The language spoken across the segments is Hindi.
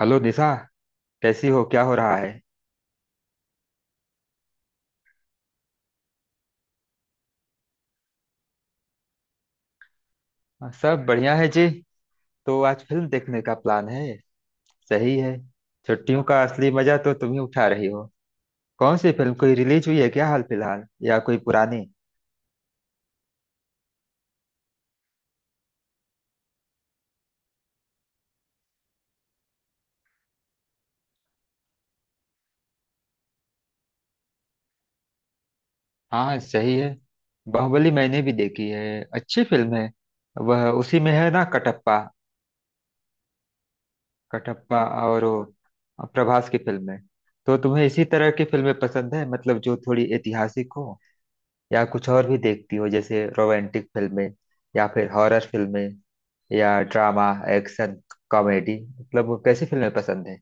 हेलो निशा। कैसी हो, क्या हो रहा है? हाँ, सब बढ़िया है जी। तो आज फिल्म देखने का प्लान है। सही है। छुट्टियों का असली मजा तो तुम ही उठा रही हो। कौन सी फिल्म, कोई रिलीज हुई है क्या हाल फिलहाल, या कोई पुरानी? हाँ, सही है। बाहुबली मैंने भी देखी है, अच्छी फिल्म है। वह उसी में है ना, कटप्पा? कटप्पा। और वो प्रभास की फिल्म है। तो तुम्हें इसी तरह की फिल्में पसंद है, मतलब जो थोड़ी ऐतिहासिक हो? या कुछ और भी देखती हो, जैसे रोमांटिक फिल्में, या फिर हॉरर फिल्में, या ड्रामा, एक्शन, कॉमेडी, मतलब वो कैसी फिल्में पसंद है?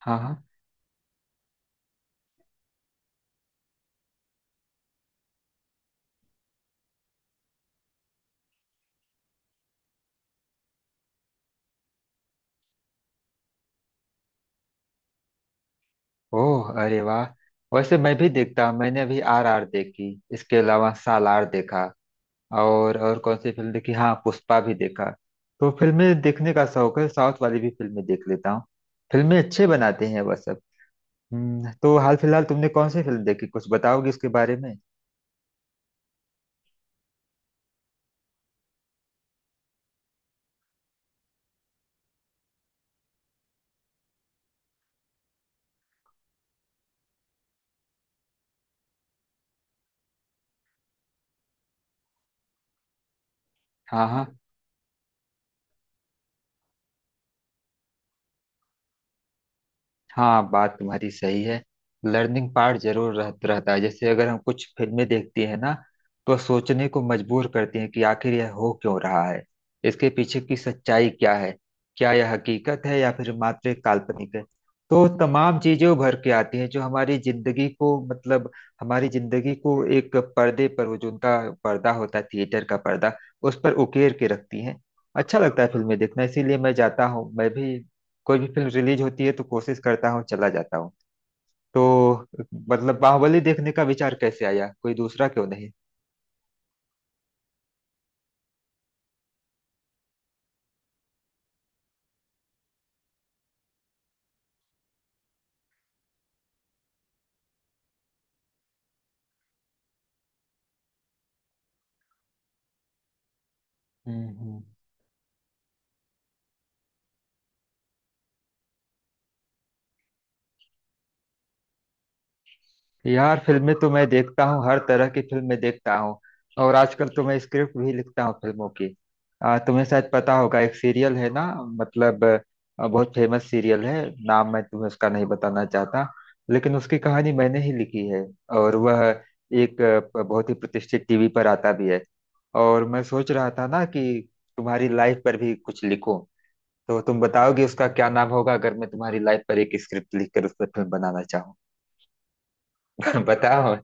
हाँ हाँ। ओह, अरे वाह। वैसे मैं भी देखता हूँ, मैंने अभी आर आर देखी, इसके अलावा सालार देखा। और कौन सी फिल्म देखी? हाँ, पुष्पा भी देखा। तो फिल्में देखने का शौक है, साउथ वाली भी फिल्में देख लेता हूँ। फिल्में अच्छे बनाते हैं वह सब। तो हाल फिलहाल तुमने कौन सी फिल्म देखी, कुछ बताओगी उसके बारे में? हाँ हाँ। हाँ, बात तुम्हारी सही है। लर्निंग पार्ट जरूर रहता है, जैसे अगर हम कुछ फिल्में देखते हैं ना, तो सोचने को मजबूर करती हैं कि आखिर यह हो क्यों रहा है, इसके पीछे की सच्चाई क्या है, क्या यह हकीकत है या फिर मात्र एक काल्पनिक है। तो तमाम चीजें उभर के आती हैं जो हमारी जिंदगी को, मतलब हमारी जिंदगी को एक पर्दे पर, वो जो उनका पर्दा होता है थिएटर का पर्दा, उस पर उकेर के रखती हैं। अच्छा लगता है फिल्में देखना, इसीलिए मैं जाता हूँ, मैं भी कोई भी फिल्म रिलीज होती है तो कोशिश करता हूँ चला जाता हूँ। तो मतलब बाहुबली देखने का विचार कैसे आया, कोई दूसरा क्यों नहीं? हम्म हम्म। यार फिल्में तो मैं देखता हूँ, हर तरह की फिल्में देखता हूँ। और आजकल तो मैं स्क्रिप्ट भी लिखता हूँ फिल्मों की। तुम्हें शायद पता होगा, एक सीरियल है ना, मतलब बहुत फेमस सीरियल है। नाम मैं तुम्हें उसका नहीं बताना चाहता, लेकिन उसकी कहानी मैंने ही लिखी है, और वह एक बहुत ही प्रतिष्ठित TV पर आता भी है। और मैं सोच रहा था ना कि तुम्हारी लाइफ पर भी कुछ लिखूं। तो तुम बताओगे उसका क्या नाम होगा, अगर मैं तुम्हारी लाइफ पर एक स्क्रिप्ट लिखकर उस पर फिल्म बनाना चाहूँ? बताओ।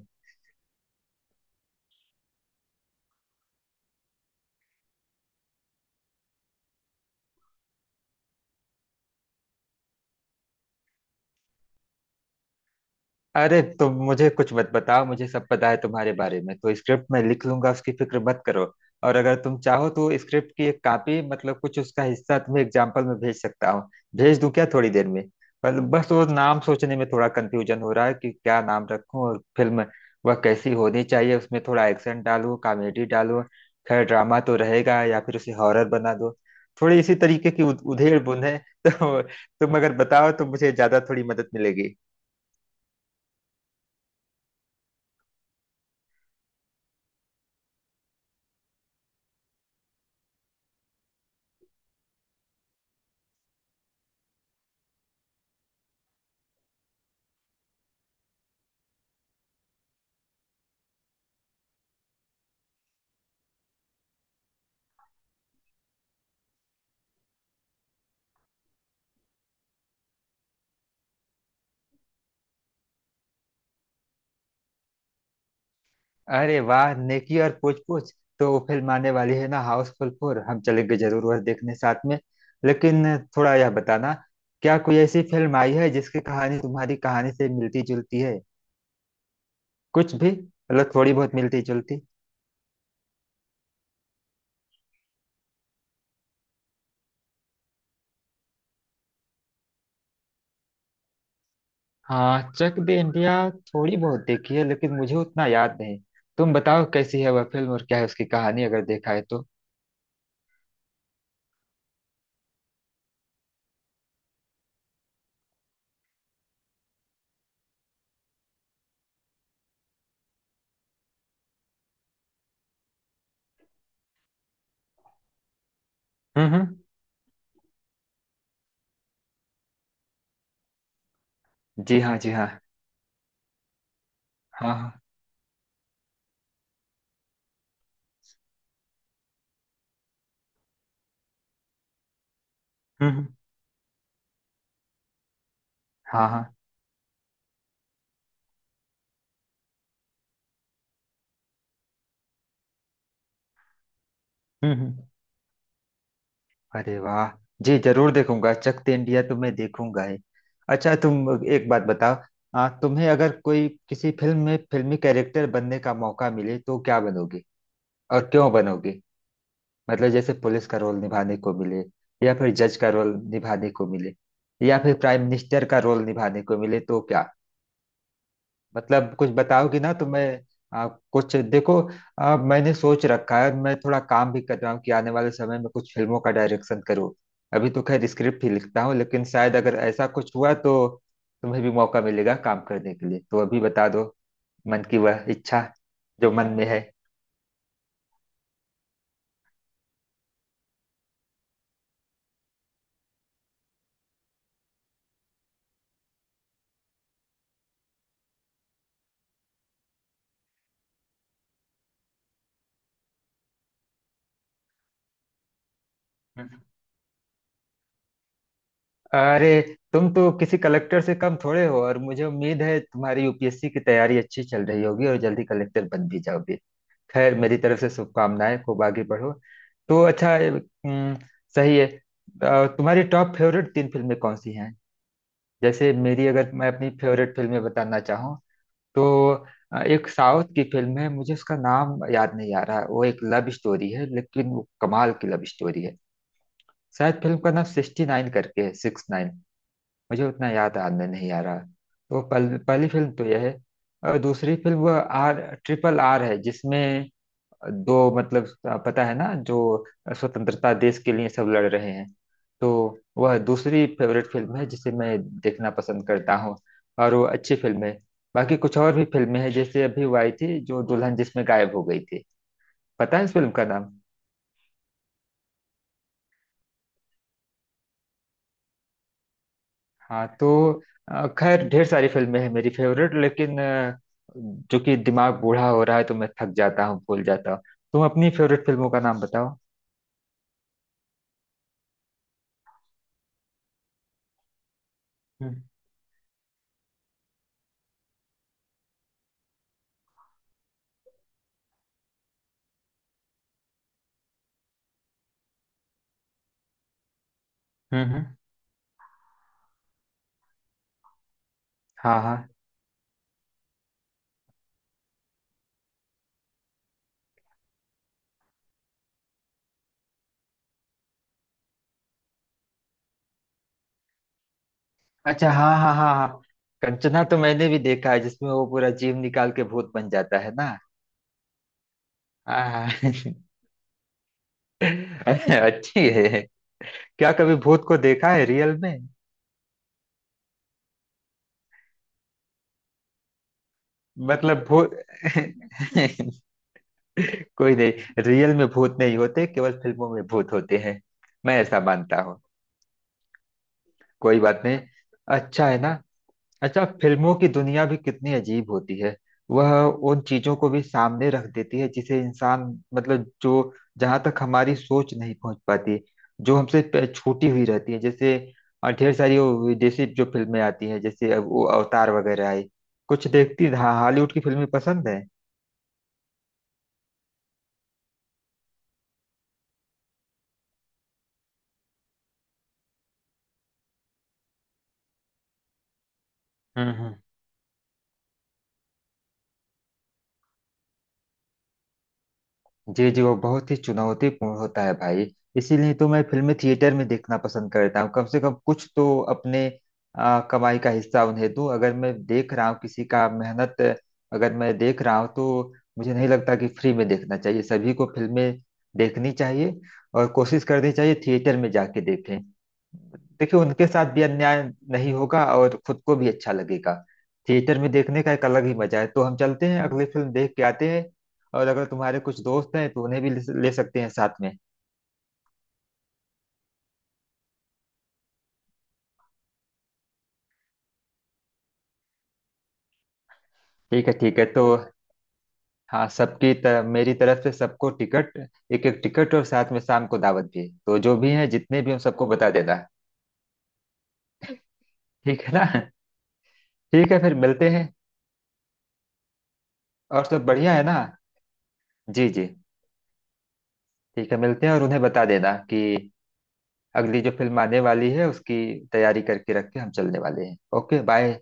अरे तुम मुझे कुछ मत बताओ, मुझे सब पता है तुम्हारे बारे में, तो स्क्रिप्ट मैं लिख लूंगा, उसकी फिक्र मत करो। और अगर तुम चाहो तो स्क्रिप्ट की एक कॉपी, मतलब कुछ उसका हिस्सा, तुम्हें एग्जाम्पल में भेज सकता हूँ, भेज दूं क्या थोड़ी देर में? पर बस वो नाम सोचने में थोड़ा कंफ्यूजन हो रहा है कि क्या नाम रखूं और फिल्म वह कैसी होनी चाहिए, उसमें थोड़ा एक्शन डालूं, कॉमेडी डालूं, खैर ड्रामा तो रहेगा, या फिर उसे हॉरर बना दो। थोड़ी इसी तरीके की उधेड़ बुन है। तो तुम अगर बताओ तो मुझे ज्यादा थोड़ी मदद मिलेगी। अरे वाह, नेकी और पूछ पूछ। तो वो फिल्म आने वाली है ना, हाउसफुल 4, हम चलेंगे जरूर वह देखने साथ में। लेकिन थोड़ा यह बताना, क्या कोई ऐसी फिल्म आई है जिसकी कहानी तुम्हारी कहानी से मिलती जुलती है, कुछ भी, मतलब थोड़ी बहुत मिलती जुलती? हाँ, चक दे इंडिया थोड़ी बहुत देखी है, लेकिन मुझे उतना याद नहीं। तुम बताओ कैसी है वह फिल्म और क्या है उसकी कहानी, अगर देखा है तो। हम्म। जी हाँ, जी हाँ। हाँ हाँ। हम्म हम्म, हाँ हाँ। हम्म। अरे वाह, जी जरूर देखूंगा, चक दे इंडिया तो मैं देखूंगा ही। अच्छा, तुम एक बात बताओ। तुम्हें अगर कोई किसी फिल्म में फिल्मी कैरेक्टर बनने का मौका मिले तो क्या बनोगे और क्यों बनोगे? मतलब जैसे पुलिस का रोल निभाने को मिले, या फिर जज का रोल निभाने को मिले, या फिर प्राइम मिनिस्टर का रोल निभाने को मिले तो क्या, मतलब कुछ बताओगी ना तो मैं कुछ देखो। मैंने सोच रखा है, मैं थोड़ा काम भी कर रहा हूँ कि आने वाले समय में कुछ फिल्मों का डायरेक्शन करूँ। अभी तो खैर स्क्रिप्ट ही लिखता हूँ, लेकिन शायद अगर ऐसा कुछ हुआ तो तुम्हें भी मौका मिलेगा काम करने के लिए, तो अभी बता दो, मन की वह इच्छा जो मन में है। हम्म। अरे, तुम तो किसी कलेक्टर से कम थोड़े हो, और मुझे उम्मीद है तुम्हारी UPSC की तैयारी अच्छी चल रही होगी और जल्दी कलेक्टर बन भी जाओगे। खैर मेरी तरफ से शुभकामनाएं, खूब आगे बढ़ो। तो अच्छा सही है, तुम्हारी टॉप फेवरेट तीन फिल्में कौन सी हैं? जैसे मेरी, अगर मैं अपनी फेवरेट फिल्में बताना चाहूँ तो एक साउथ की फिल्म है, मुझे उसका नाम याद नहीं आ रहा, वो एक लव स्टोरी है लेकिन वो कमाल की लव स्टोरी है। शायद फिल्म का नाम 69 करके है, 69, मुझे उतना याद आने नहीं आ रहा। तो पहली फिल्म तो यह है। और दूसरी फिल्म वो RRR है, जिसमें दो, मतलब पता है ना, जो स्वतंत्रता देश के लिए सब लड़ रहे हैं, तो वह दूसरी फेवरेट फिल्म है जिसे मैं देखना पसंद करता हूँ, और वो अच्छी फिल्म है। बाकी कुछ और भी फिल्में हैं, जैसे अभी वो आई थी जो दुल्हन जिसमें गायब हो गई थी, पता है इस फिल्म का नाम? हाँ तो खैर ढेर सारी फिल्में हैं मेरी फेवरेट, लेकिन जो कि दिमाग बूढ़ा हो रहा है तो मैं थक जाता हूँ, भूल जाता हूँ। तुम अपनी फेवरेट फिल्मों का नाम बताओ। हम्म हम्म हम्म। हाँ हाँ। अच्छा, हाँ हाँ हाँ हाँ। कंचना तो मैंने भी देखा है, जिसमें वो पूरा जीव निकाल के भूत बन जाता है ना। हाँ अच्छी है। क्या कभी भूत को देखा है रियल में? मतलब भूत कोई नहीं, रियल में भूत नहीं होते, केवल फिल्मों में भूत होते हैं, मैं ऐसा मानता हूँ। कोई बात नहीं। अच्छा है ना? अच्छा, फिल्मों की दुनिया भी कितनी अजीब होती है, वह उन चीजों को भी सामने रख देती है जिसे इंसान, मतलब जो, जहां तक हमारी सोच नहीं पहुंच पाती, जो हमसे छूटी हुई रहती है, जैसे ढेर सारी वो विदेशी जो फिल्में आती हैं, जैसे अब वो अवतार वगैरह आई, कुछ देखती, हाँ हॉलीवुड की फिल्में पसंद है? जी जी, वो बहुत ही चुनौतीपूर्ण होता है भाई। इसीलिए तो मैं फिल्में थिएटर में देखना पसंद करता हूँ, कम से कम कुछ तो अपने कमाई का हिस्सा उन्हें दूं, अगर मैं देख रहा हूँ किसी का मेहनत, अगर मैं देख रहा हूँ तो मुझे नहीं लगता कि फ्री में देखना चाहिए, सभी को फिल्में देखनी चाहिए और कोशिश करनी चाहिए थिएटर में जाके देखें, देखिए उनके साथ भी अन्याय नहीं होगा और खुद को भी अच्छा लगेगा। थिएटर में देखने का एक अलग ही मजा है, तो हम चलते हैं अगली फिल्म देख के आते हैं, और अगर तुम्हारे कुछ दोस्त हैं तो उन्हें भी ले ले सकते हैं साथ में। ठीक है, ठीक है, तो हाँ, सबकी तरफ मेरी तरफ से सबको टिकट, एक एक टिकट और साथ में शाम को दावत भी, तो जो भी हैं जितने भी उन सबको बता देना। ठीक है ना? ठीक है, फिर मिलते हैं। और सब बढ़िया है ना, जी जी? ठीक है, मिलते हैं, और उन्हें बता देना कि अगली जो फिल्म आने वाली है उसकी तैयारी करके रख के हम चलने वाले हैं। Okay bye.